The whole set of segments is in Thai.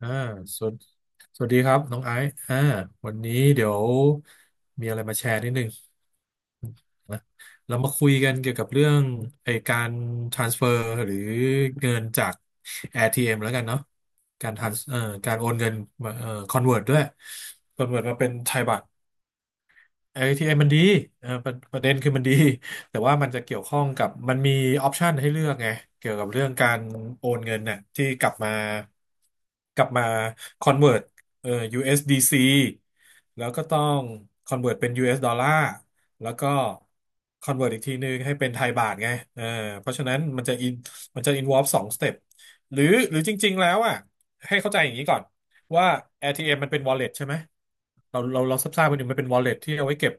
อ่าสวัสสวัสดีครับน้องไอซ์วันนี้เดี๋ยวมีอะไรมาแชร์นิดนึงนะเรามาคุยกันเกี่ยวกับเรื่องการ transfer หรือเงินจาก ATM แล้วกันเนาะการ trans เอ่อการโอนเงินมาconvert ด้วย convert มาเป็นไทยบาท เอ t m มมันดีเออประเด็นคือมันดีแต่ว่ามันจะเกี่ยวข้องกับมันมีออปชันให้เลือกไงเกี่ยวกับเรื่องการโอนเงินน่ะที่กลับมา convert เอ่อ USDC แล้วก็ต้อง convert เป็น US ดอลลาร์แล้วก็ convert อีกทีนึงให้เป็นไทยบาทไงเออเพราะฉะนั้นมันจะ involve สอง step หรือจริงๆแล้วอ่ะให้เข้าใจอย่างนี้ก่อน ว่า ATM มมันเป็น wallet ใช่ไหมเราทราบๆกันอยู่มันเป็น wallet ที่เอาไว้เก็บ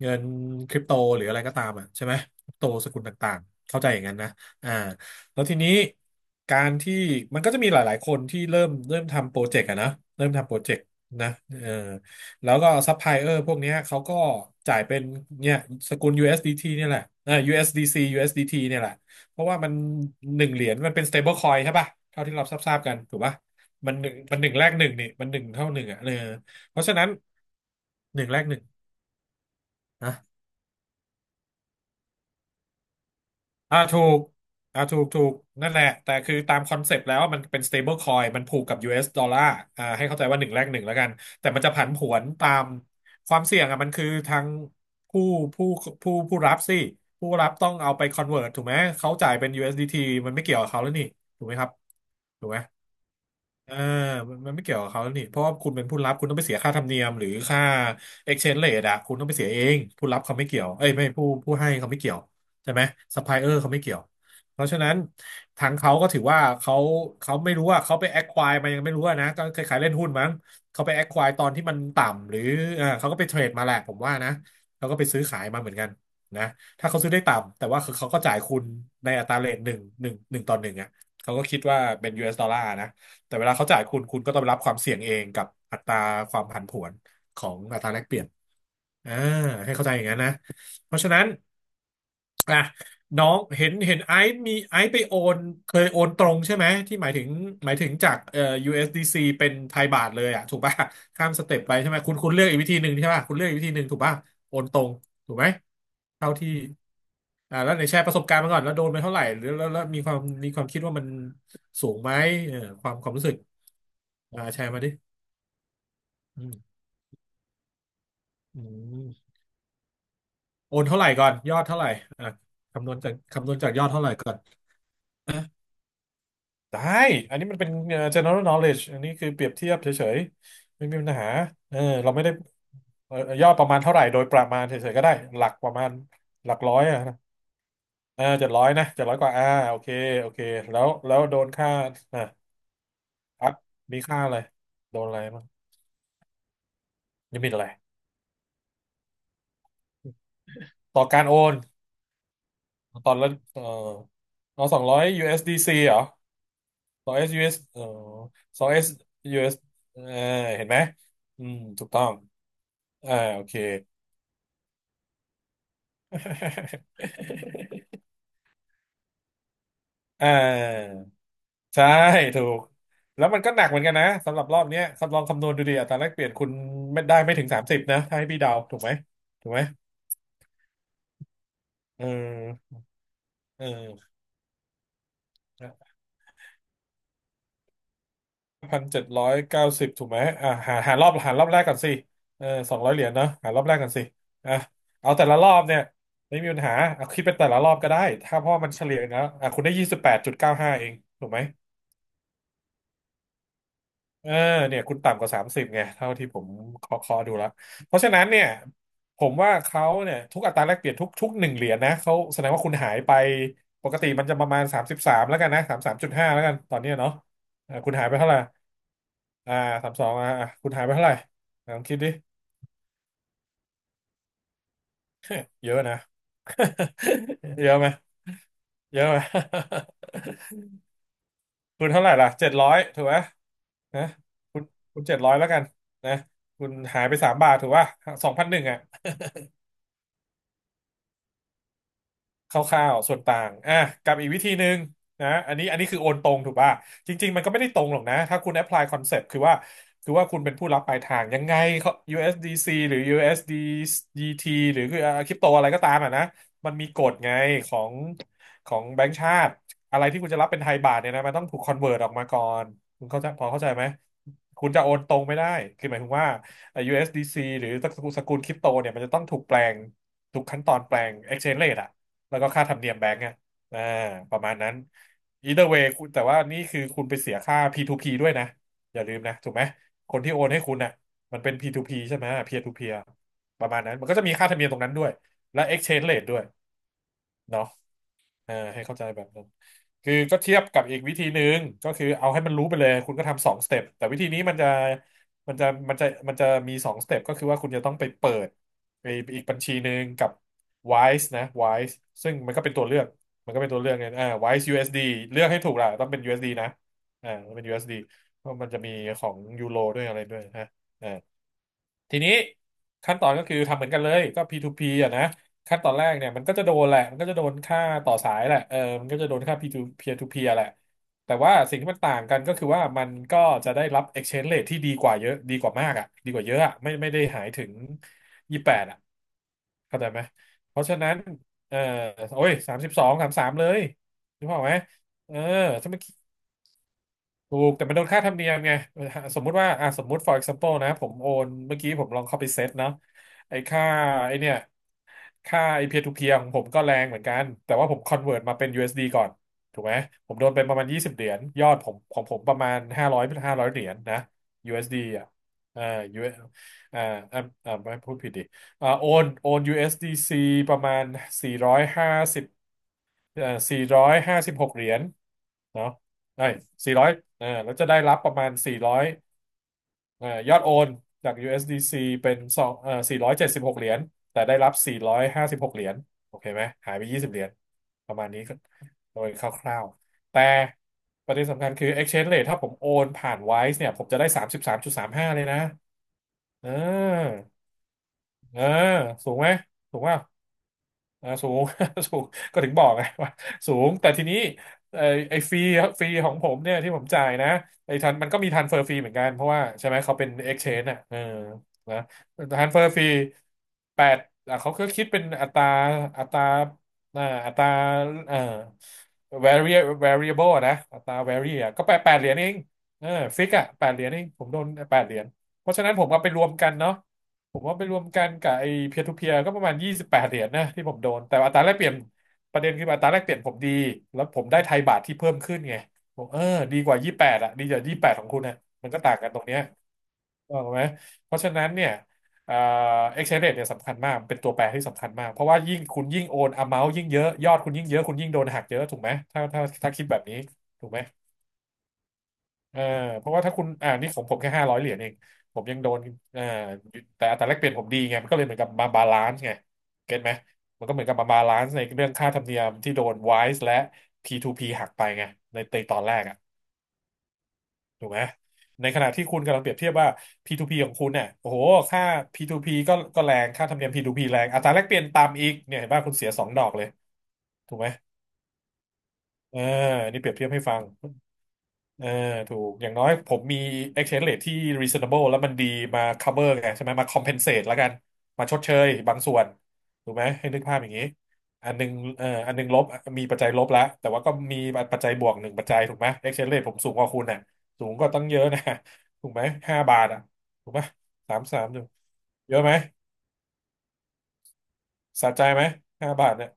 เงินคริปโตหรืออะไรก็ตามอ่ะใช่ไหมคริปโตสกุลต่างๆเข้าใจอย่างนั้นนะอ่าแล้วทีนี้การที่มันก็จะมีหลายๆคนที่เริ่มทำโปรเจกต์อะนะเริ่มทำโปรเจกต์นะเออแล้วก็ซัพพลายเออร์พวกเนี้ยเขาก็จ่ายเป็นเนี่ยสกุล USDT เอสดีทีเนี่ยแหละเอ่า USDC USDT เอสดีทีเนี่ยแหละเพราะว่ามันหนึ่งเหรียญมันเป็น stable coin ใช่ป่ะเท่าที่เราทราบๆกันถูกป่ะ มันหนึ่งแรกหนึ่งนี่มันหนึ่งเท่าหนึ่งอ่ะเออเพราะฉะนั้นหนึ่งแรกหนึ่งนะอ่าถูกอ่าถูกถูกนั่นแหละแต่คือตามคอนเซปต์แล้วมันเป็น stable coin มันผูกกับ US ดอลลาร์อ่าให้เข้าใจว่าหนึ่งแรกหนึ่งแล้วกันแต่มันจะผันผวนตามความเสี่ยงอ่ะมันคือทางผู้ผู้ผู้รับสิผู้รับต้องเอาไป convert ถูกไหมเขาจ่ายเป็น USDT มันไม่เกี่ยวกับเขาแล้วนี่ถูกไหมครับถูกไหม เออมันไม่เกี่ยวกับเขานี่เพราะว่าคุณเป็นผู้รับคุณต้องไปเสียค่าธรรมเนียมหรือค่า exchange rate อะคุณต้องไปเสียเองผู้รับเขาไม่เกี่ยวเอ้ยไม่ผู้ให้เขาไม่เกี่ยวใช่ไหม supplier เขาไม่เกี่ยวเพราะฉะนั้นทางเขาก็ถือว่าเขาเขาไม่รู้ว่าเขาไป acquire มายังไม่รู้อะนะก็คล้ายๆเล่นหุ้นมั้งเขาไป acquire ตอนที่มันต่ำหรือเออเขาก็ไปเทรดมาแหละผมว่านะเขาก็ไปซื้อขายมาเหมือนกันนะถ้าเขาซื้อได้ต่ำแต่ว่าคือเขาก็จ่ายคุณในอัตราเรทหนึ่งต่อหนึ่งอะเขาก็คิดว่าเป็นยูเอสดอลลาร์นะ แต่เวลาเขาจ่ายคุณคุณก็ต้องรับความเสี่ยงเองกับอัตราความผันผวนของอัตราแลกเปลี่ยนอ่าให้เข้าใจอย่างนั้นนะเพราะฉะนั้นอ่ะน้องเห็นไอซ์ไปโอนเคยโอนตรงใช่ไหมที่หมายถึงจากUSDC เอสดีซีเป็นไทยบาทเลยอ่ะถูกป่ะข้ามสเต็ปไปใช่ไหมคุณเลือกอีกวิธีหนึ่งใช่ป่ะคุณเลือกอีกวิธีหนึ่งถูกป่ะโอนตรงถูกไหมเท่าที่แล้วไหนแชร์ประสบการณ์มาก่อนแล้วโดนไปเท่าไหร่หรือแล้วแล้วมีความคิดว่ามันสูงไหมเออความรู้สึก แชร์มาดิอืมอืมโอนเท่าไหร่ก่อนยอดเท่าไหร่อ่ะคำนวณจากยอดเท่าไหร่ก่อนได้อันนี้มันเป็นgeneral knowledge อันนี้คือเปรียบเทียบเฉยๆไม่มีปัญหาเออเราไม่ได้ยอดประมาณเท่าไหร่โดยประมาณเฉยๆก็ได้หลักประมาณหลักร้อยอะนะเออเจ็ดร้อยนะเจ็ดร้อยกว่าอ่าโอเคโอเคแล้วโดนค่าอ่ะอัพมีค่าอะไรโดนอะไรบ้างลิมิตอะไรต่อการโอนตอนละเออเอา200 USDC เอสดีซีเหรอ สองเอสยูเอสเออสองเอสยูเอสเออเห็นไหมอืมถูกต้องอ่าโอเค อ่าใช่ถูกแล้วมันก็หนักเหมือนกันนะสำหรับรอบเนี้ยสำลองคำนวณดูดิอัตราแลกเปลี่ยนคุณไม่ได้ไม่ถึง30นะถ้าให้พี่เดาถูกไหมถูกไหมเออเออ พันเจ็ดร้อยเก้าสิบถูกไหมหาหารอบหารอบแรกก่อนสิเออสองร้อยเหรียญเนาะหารอบแรกก่อนสิอ่ะเอาแต่ละรอบเนี่ยไม่มีปัญหาเอาคิดเป็นแต่ละรอบก็ได้ถ้าเพราะว่ามันเฉลี่ยนะอ่ะคุณได้ยี่สิบแปดจุดเก้าห้าเองถูกไหมเออเนี่ยคุณต่ำกว่าสามสิบไงเท่าที่ผมเคาะเคาะดูแล้วเพราะฉะนั้นเนี่ยผมว่าเขาเนี่ยทุกอัตราแลกเปลี่ยนทุกหนึ่งเหรียญนะเขาแสดงว่าคุณหายไปปกติมันจะประมาณสามสิบสามแล้วกันนะสามสามจุดห้าแล้วกันตอนเนี้ยเนาะเออคุณหายไปเท่าไหร่ อ่าสามสองอ่ะอ่ะคุณหายไปเท่าไหร่ลองคิดดิเยอะนะ เยอะไหมเยอะไหม คุณเท่าไหร่ล่ะเจ็ดร้อยถูกไหมนะคุณคุณเจ็ดร้อยแล้วกันนะคุณหายไปสามบาทถูกป่ะสองพันหนึ่งอ่ะ คร่าวๆส่วนต่างอ่ะกับอีกวิธีหนึ่งนะอันนี้อันนี้คือโอนตรงถูกป่ะ จริงๆ มันก็ไม่ได้ตรงหรอกนะ ถ้าคุณแอพพลายคอนเซปต์คือว่าคุณเป็นผู้รับปลายทางยังไงเขา USDC หรือ USDT หรือคือคริปโตอะไรก็ตามอ่ะนะมันมีกฎไงของของแบงก์ชาติ อะไรที่คุณจะรับเป็นไทยบาทเนี่ยนะมันต้องถูกคอนเวิร์ตออกมาก่อน คุณเข้าใจพอเข้าใจไหม คุณจะโอนตรงไม่ได้คือหมายถึงว่า USDC หรือสกุลคริปโตเนี่ยมันจะต้องถูกแปลงทุกขั้นตอนแปลง exchange rate อะ แล้วก็ค่าธรรมเนียมแบงก์อ่ะอ่าประมาณนั้น either way คุณแต่ว่านี่คือคุณไปเสียค่า P2P ด้วยนะอย่าลืมนะถูกไหมคนที่โอนให้คุณน่ะมันเป็น P2P ใช่ไหม peer to peer ประมาณนั้นมันก็จะมีค่าธรรมเนียมตรงนั้นด้วยและ exchange rate ด้วยเนาะ ให้เข้าใจแบบนั้นคือก็เทียบกับอีกวิธีหนึ่งก็คือเอาให้มันรู้ไปเลยคุณก็ทำสองสเต็ปแต่วิธีนี้มันจะมันจะมีสองสเต็ปก็คือว่าคุณจะต้องไปเปิดไปอีกบัญชีหนึ่งกับ Wise นะ Wise ซึ่งมันก็เป็นตัวเลือกเนี่ยอ่า Wise USD เอสดีเลือกให้ถูกล่ะต้องเป็น USD นะต้องเป็นยูเอสดีเพราะมันจะมีของยูโรด้วยอะไรด้วยนะ ทีนี้ขั้นตอนก็คือทำเหมือนกันเลยก็ P2P อ่ะนะขั้นตอนแรกเนี่ยมันก็จะโดนแหละมันก็จะโดนค่าต่อสายแหละเออมันก็จะโดนค่า P2 p to p แหละแต่ว่าสิ่งที่มันต่างกันก็คือว่ามันก็จะได้รับ exchange rate ที่ดีกว่าเยอะดีกว่ามากอ่ะดีกว่าเยอะอ่ะไม่ได้หายถึงยี่สิบแปดอ่ะเข้าใจไหมเพราะฉะนั้นเออโอ้ยสามสิบสองสามสามเลยรู้เปล่าไหมเออถ้ามัน ถูกแต่มันโดนค่าธรรมเนียมไงสมมุติว่าอ่ะสมมุติ for example นะผมโอนเมื่อกี้ผมลองเข้าไปเซตเนาะไอ้ค่าไอ้เนี่ยค่าไอ้เพียร์ทูเพียร์ของผมก็แรงเหมือนกันแต่ว่าผมคอนเวิร์ตมาเป็น USD ก่อนถูกไหมผมโดนไปประมาณ20เหรียญยอดผมของผมประมาณ500้าร้อยห้าร้อยเหรียญนะ USD อสดีอ่ะเอ่า US อสอ่าอ่าไม่พูดผิดดิโอนโอน USDC ประมาณ450 เอ่อสี่ร้อยห้าสิบหกเหรียญเนาะไอ้สี่ร้อยแล้วจะได้รับประมาณสี่ร้อยยอดโอนจาก USDC เอสดีซีเป็นสองสี่ร้อยเจ็ดสิบหกเหรียญแต่ได้รับสี่ร้อยห้าสิบหกเหรียญโอเคไหมหายไปยี่สิบเหรียญประมาณนี้ก็โดยคร่าวๆแต่ประเด็นสำคัญคือ exchange rate ถ้าผมโอนผ่าน Wise เนี่ยผมจะได้สามสิบสามจุดสามห้าเลยนะเออเออสูงไหมสูงว่า สูง สูงก็ถึงบอกไง ว่าสูงแต่ทีนี้ไอไอฟรีฟรีของผมเนี่ยที่ผมจ่ายนะไอทันมันก็มีทันเฟอร์ฟรีเหมือนกันเพราะว่าใช่ไหมเขาเป็น exchange อ่ะเออนะทันเฟอร์ฟรีแปดเขาก็คิดเป็นอัตราอัตราอัตราเอ่อ v a r i variable อะนะอัตรา vary อะก็แปดเหรียญเองเออฟิกอ่ะแปดเหรียญเองผมโดนแปดเหรียญเพราะฉะนั้นผมก็ไปรวมกันเนาะ ผมว่าไปรวมกันกับไอ้เพียร์ทูเพียร์ก็ประมาณ28 เหรียญนะที่ผมโดนแต่อัตราแลกเปลี่ยนประเด็นคืออัตราแลกเปลี่ยนผมดีแล้วผมได้ไทยบาทที่เพิ่มขึ้นไงผมดีกว่ายี่แปดอะดีกว่ายี่แปดของคุณนะมันก็ต่างกันตรงเนี้ยถูกไหมเพราะฉะนั้นเนี่ยเอ่อ exchange rate เนี่ยสำคัญมากเป็นตัวแปรที่สำคัญมากเพราะว่ายิ่งคุณยิ่งโอน amount ยิ่งเยอะยอดคุณยิ่งเยอะคุณยิ่งโดนหักเยอะถูกไหมถ้าคิดแบบนี้ถูกไหม เออเพราะว่าถ้าคุณอ่านี่ของผมแค่500 เหรียญเองผมยังโดนเอ่อแต่อัตราแลกเปลี่ยนผมดีไงมันก็เลยเหมือนกับมาบาลานซ์ไงเก็ตไหมมันก็เหมือนกับมาบาลานซ์ในเรื่องค่าธรรมเนียมที่โดน WISE และ P2P หักไปไงในตอนแรกอะถูกไหมในขณะที่คุณกำลังเปรียบเทียบว่า P2P ของคุณเนี่ยโอ้โหค่า P2P ก็แรงค่าธรรมเนียม P2P แรงอัตราแลกเปลี่ยนต่ำอีกเนี่ยเห็นป่ะคุณเสียสองดอกเลยถูกไหมเออนี่เปรียบเทียบให้ฟัง เออถูกอย่างน้อยผมมี exchange rate ที่ reasonable แล้วมันดีมา cover ไงใช่ไหมมา compensate แล้วกันมาชดเชยบางส่วนถูกไหมให้นึกภาพอย่างนี้อันหนึงอันหนึงลบมีปัจจัยลบแล้วแต่ว่าก็มีปัจจัยบวกหนึ่งปัจจัยถูกไหม exchange rate ผมสูงกว่าคุณน่ะสูงก็ตั้งเยอะนะถูกไหมห้าบาทอ่ะถูกไหมสามสามถูกเยอะไหมสะใจไหมห้าบาทเนี่ย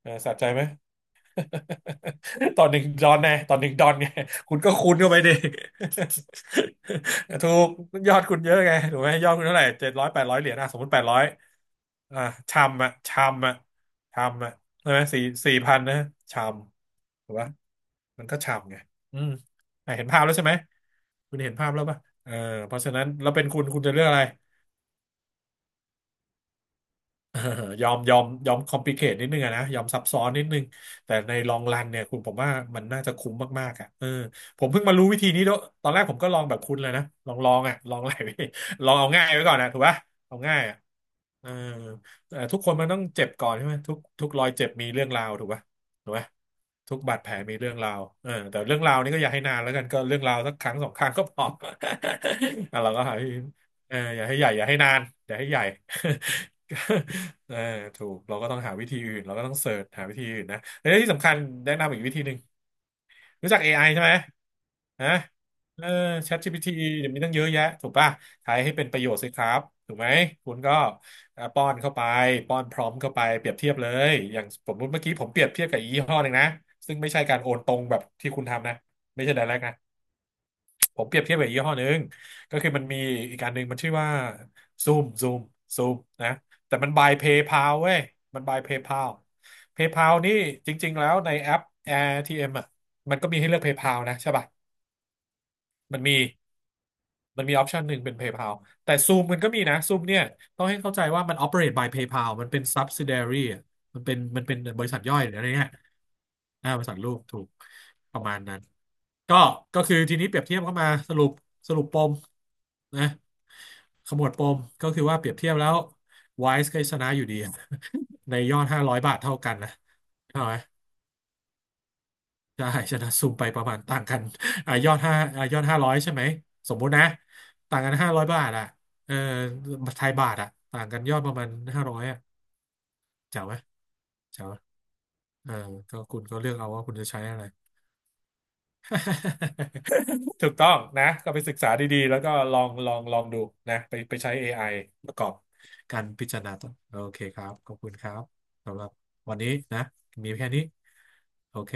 เออสะใจไหม ตอนหนึ่งดอนไงตอนหนึ่งดอนไงคุณก็คูณเข้าไปดิ ถูกยอดคุณเยอะไงถูกไหมยอดคุณเท่าไหร่700 800 เหรียญอ่ะสมมติแปดร้อยอ่ะชามอ่ะชามอ่ะชามอ่ะใช่ไหมสี่4,000นะชามถูกปะมันก็ชามไงอืมอ่ะเห็นภาพแล้วใช่ไหมคุณเห็นภาพแล้วป่ะเออเพราะฉะนั้นเราเป็นคุณคุณจะเลือกอะไร เออยอมยอมยอมคอมพลิเคทนิดนึงอะนะยอมซับซ้อนนิดนึงแต่ในลองรันเนี่ยคุณผมว่ามันน่าจะคุ้มมากๆอ่ะเออผมเพิ่งมารู้วิธีนี้ด้วยตอนแรกผมก็ลองแบบคุณเลยนะลองลองอ่ะลอง หลายวิ ลองเอาง่ายไว้ก่อนนะถูกป่ะเอาง่ายอ่ะเออเออทุกคนมันต้องเจ็บก่อนใช่ไหมทุกรอยเจ็บมีเรื่องราวถูกป่ะถูกป่ะทุกบาดแผลมีเรื่องราวเออแต่เรื่องราวนี้ก็อย่าให้นานแล้วกันก็เรื่องราวสักครั้งสองครั้งก็พอ อ่ะเราก็หาวิธีเอออย่าให้ใหญ่อย่าให้นานอย่าให้ใหญ่ เออถูกเราก็ต้องหาวิธีอื่นเราก็ต้องเสิร์ชหาวิธีอื่นนะและที่สำคัญแนะนำอีกวิธีหนึ่งรู้จัก AI ใช่ไหมฮะเออ ChatGPT เดี๋ยวมีตั้งเยอะแยะถูกป่ะใช้ให้เป็นประโยชน์สิครับถูกไหมคุณก็ป้อนเข้าไปป้อนพร้อมเข้าไปเปรียบเทียบเลยอย่างสมมติเมื่อกี้ผมเปรียบเทียบกับอีกยี่ห้อหนึ่งนะซึ่งไม่ใช่การโอนตรงแบบที่คุณทำนะไม่ใช่ direct นะ ผมเปรียบเทียบกับยี่ห้อหนึ่งก็คือมันมีอีกการหนึ่งมันชื่อว่าซูมซูมซูมนะแต่มันบายเพย์พาวเว้ยมันบายเพย์พาวเพย์พาวนี่จริงๆแล้วในแอป AirTM อทีเอ็มอ่ะมันก็มีให้เลือกเพย์พาวนะใช่ป่ะมันมี มันมีออปชันหนึ่งเป็น PayPal แต่ Zoom มันก็มีนะ Zoom เนี่ยต้องให้เข้าใจว่ามัน operate by PayPal มันเป็น subsidiary อะมันเป็นบริษัทย่อยหรืออะไรเนี่ยอ่าบริษัทลูกถูกประมาณนั้นก็ก็คือทีนี้เปรียบเทียบก็มาสรุปสรุปปมนะขมวดปมก็คือว่าเปรียบเทียบแล้ว Wise ก็ชนะอยู่ดี ในยอด500 บาทเท่ากันนะเข้าไหม ใช่ชนะซูมไปประมาณต่างกันอ่ะยอดห้าอ่ะยอดห้าร้อยใช่ไหมสมมุตินะต่างกันห้าร้อยบาทอ่ะเออไทยบาทอ่ะต่างกันยอดประมาณห้าร้อยอ่ะเจ๋วไหมเจ๋วไหมเออก็คุณก็เลือกเอาว่าคุณจะใช้อะไร ถูกต้องนะก็ไปศึกษาดีๆแล้วก็ลองดูนะไปใช้ AI ประกอบการพิจารณาต่อโอเคครับขอบคุณครับสำหรับวันนี้นะมีแค่นี้โอเค